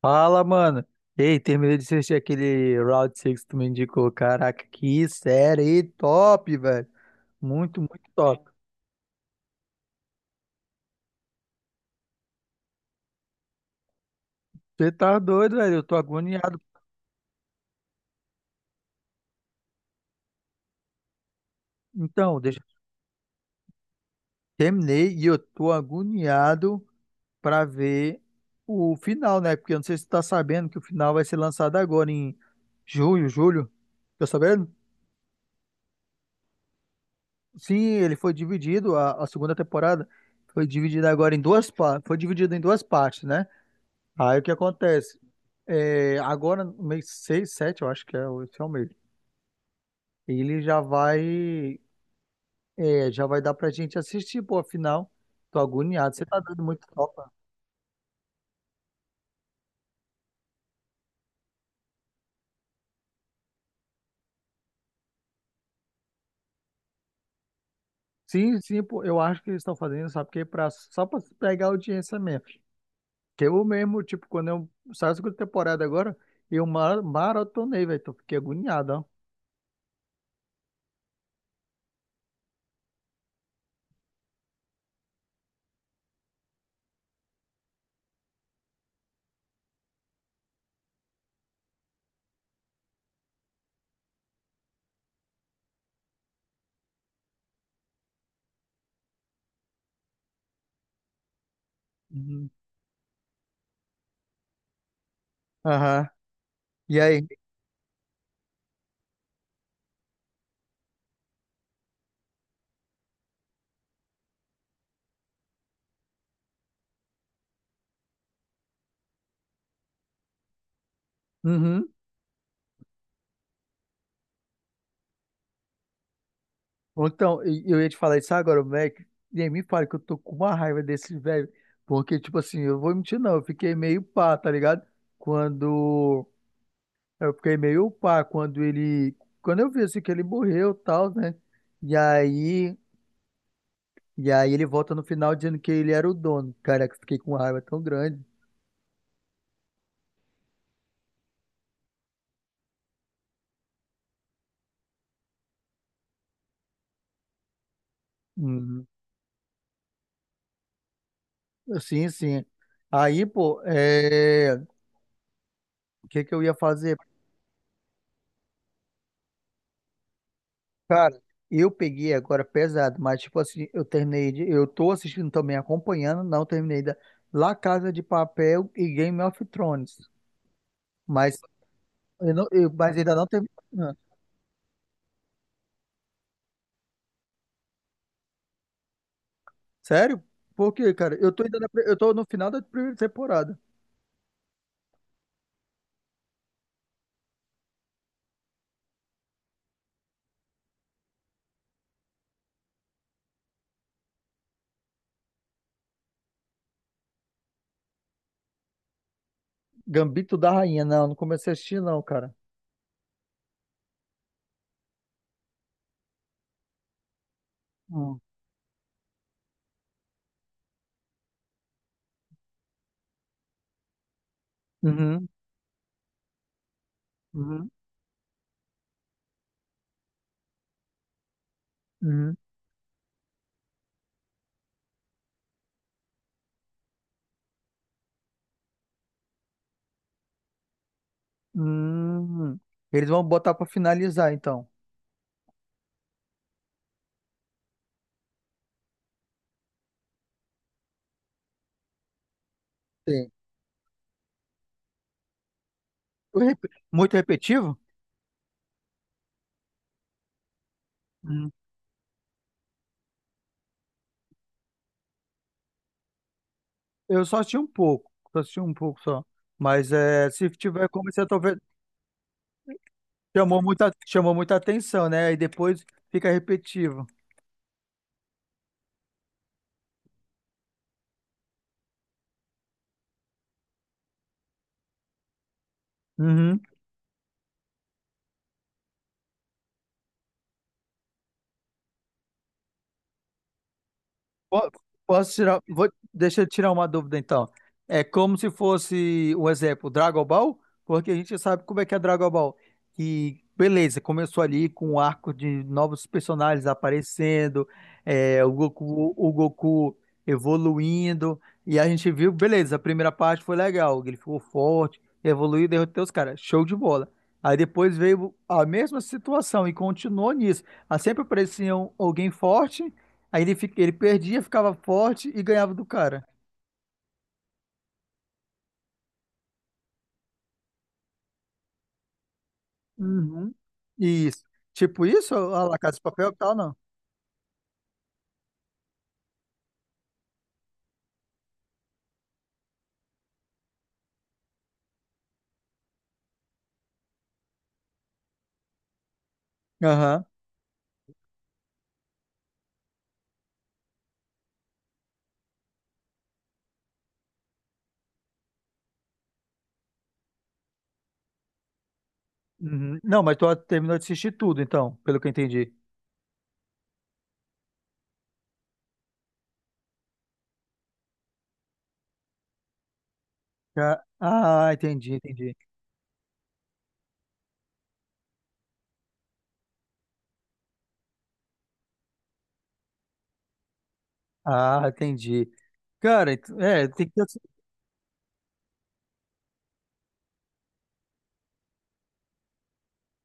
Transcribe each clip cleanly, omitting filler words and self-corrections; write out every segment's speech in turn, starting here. Fala, mano. Ei, terminei de assistir aquele Round Six que tu me indicou. Caraca, que série top, velho. Muito, muito top. Você tá doido, velho. Eu tô agoniado. Então, deixa... terminei e eu tô agoniado pra ver o final, né? Porque eu não sei se tu tá sabendo que o final vai ser lançado agora em junho, julho. Tá sabendo? Sim, ele foi dividido, a segunda temporada foi dividida agora em duas partes. Foi dividida em duas partes, né? Aí o que acontece? É, agora, no mês 6, 7, eu acho que é, esse é o mês. Ele já vai, é, já vai dar pra gente assistir, pô, afinal. Tô agoniado. Você tá dando muito topa. Sim, sim, pô, eu acho que eles estão fazendo, sabe? Porque é pra, só pra pegar audiência mesmo. Que eu mesmo, tipo, quando eu saí da segunda temporada agora, maratonei, velho. Tô fiquei agoniado, ó. Uhum. Aham. E aí? Uhum. Ou então, eu ia te falar isso agora, o Mac, nem me fala que eu tô com uma raiva desse velho, porque, tipo assim, eu vou mentir não, eu fiquei meio pá, tá ligado? Quando, eu fiquei meio pá quando ele, quando eu vi, assim, que ele morreu e tal, né? E aí, e aí ele volta no final dizendo que ele era o dono, cara, que eu fiquei com uma raiva tão grande. Uhum. Sim, sim. Aí, pô, é... o que que eu ia fazer? Cara, eu peguei agora pesado, mas tipo assim, eu terminei de, eu tô assistindo também, acompanhando, não terminei da La Casa de Papel e Game of Thrones, mas eu não, eu, mas ainda não terminei. Ah, sério? Por quê, cara? Eu tô ainda na eu tô no final da primeira temporada. Gambito da Rainha, não, não comecei a assistir não, cara. Hum. Uhum, uhum, uhum, uhum. Eles vão botar pra finalizar, então. Sim. Muito repetitivo? Eu só assisti um pouco, só assisti um pouco só. Mas é, se tiver como você tá vendo, chamou muita atenção, né? E depois fica repetitivo. Uhum. Po- Posso tirar, vou, deixa eu tirar uma dúvida então. É como se fosse um exemplo, Dragon Ball, porque a gente sabe como é que é Dragon Ball. E beleza, começou ali com o arco de novos personagens aparecendo, é, o Goku evoluindo, e a gente viu, beleza, a primeira parte foi legal, ele ficou forte, evoluiu, derrotou os caras, show de bola. Aí depois veio a mesma situação e continuou nisso. Aí sempre aparecia alguém forte. Aí ele, fica, ele perdia, ficava forte e ganhava do cara. Uhum. Isso. Tipo isso, a La Casa de Papel e tal, não. Aham. Uhum. Não, mas tu terminou de assistir tudo, então, pelo que eu entendi. Ah, entendi, entendi. Ah, entendi. Cara, é, tem que ter...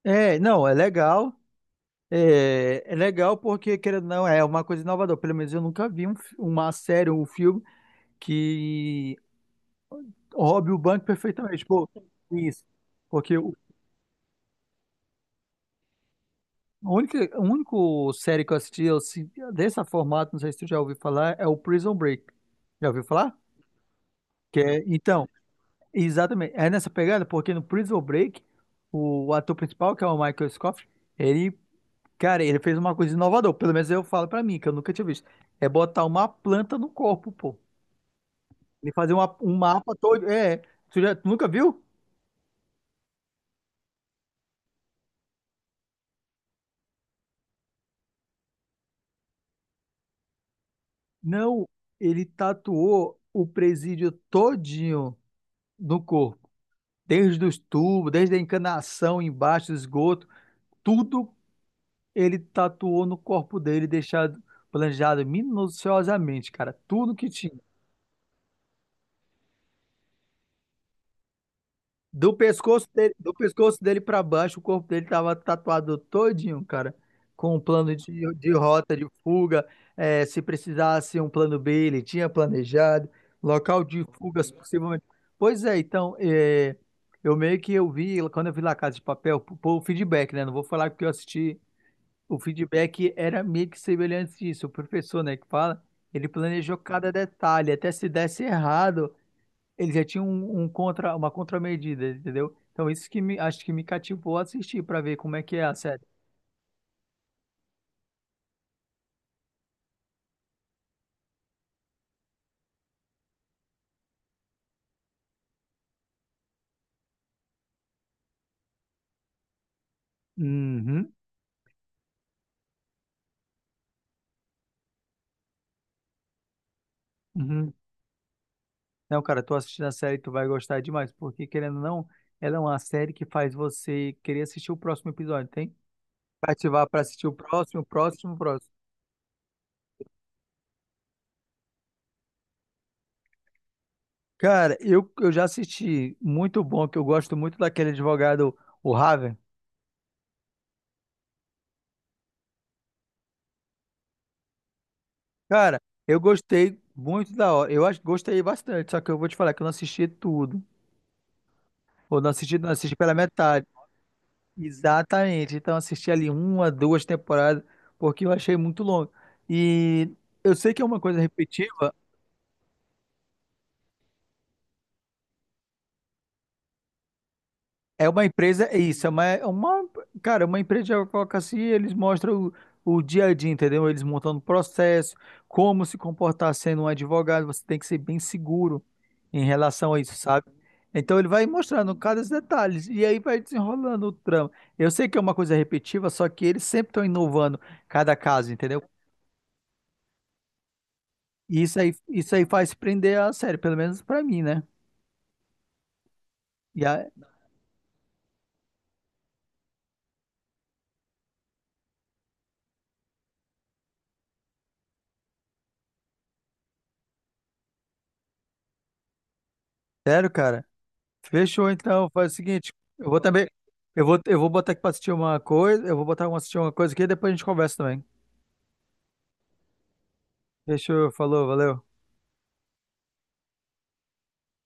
É, não, é legal. É, é legal porque, querendo ou não, é uma coisa inovadora. Pelo menos eu nunca vi uma série ou um filme que roube o banco perfeitamente. Pô, isso. Porque o, a única, a único série que eu assisti eu, dessa formato, não sei se tu já ouviu falar, é o Prison Break. Já ouviu falar? Que é, então, exatamente, é nessa pegada, porque no Prison Break, o ator principal, que é o Michael Scofield, ele, cara, ele fez uma coisa inovadora, pelo menos eu falo pra mim, que eu nunca tinha visto, é botar uma planta no corpo, pô. Ele fazer um mapa todo, é, tu, já, tu nunca viu? Não, ele tatuou o presídio todinho no corpo. Desde os tubos, desde a encanação embaixo do esgoto, tudo ele tatuou no corpo dele, deixado planejado minuciosamente, cara, tudo que tinha. Do pescoço dele para baixo, o corpo dele tava tatuado todinho, cara, com um plano de, rota, de fuga, eh, se precisasse um plano B, ele tinha planejado, local de fugas possivelmente. Pois é, então, eh, eu meio que eu vi, quando eu vi La Casa de Papel, pô, o feedback, né? Não vou falar porque eu assisti. O feedback era meio que semelhante disso. O professor, né, que fala, ele planejou cada detalhe. Até se desse errado, ele já tinha um contra, uma contramedida, entendeu? Então, isso que me, acho que me cativou a assistir para ver como é que é a série. Uhum, uhum. Não, cara, tu assistindo a série, tu vai gostar demais, porque querendo ou não, ela é uma série que faz você querer assistir o próximo episódio, tem? Pra ativar para assistir o próximo, o próximo, o próximo. Cara, eu já assisti, muito bom, que eu gosto muito daquele advogado, o Raven. Cara, eu gostei muito da hora. Eu acho que gostei bastante, só que eu vou te falar que eu não assisti tudo. Ou não assisti, não assisti pela metade. Exatamente. Então assisti ali uma, duas temporadas, porque eu achei muito longo. E eu sei que é uma coisa repetitiva, é uma empresa, é isso, cara, é uma empresa de advocacia, eles mostram o dia a dia, entendeu? Eles montando o processo, como se comportar sendo um advogado, você tem que ser bem seguro em relação a isso, sabe? Então ele vai mostrando cada detalhe e aí vai desenrolando o trama. Eu sei que é uma coisa repetitiva, só que eles sempre estão inovando cada caso, entendeu? E isso aí faz prender a série, pelo menos pra mim, né? E a, sério, cara. Fechou, então. Faz o seguinte, eu vou também, eu vou botar aqui pra assistir uma coisa, eu vou botar uma assistir uma coisa aqui e depois a gente conversa também. Fechou, falou, valeu.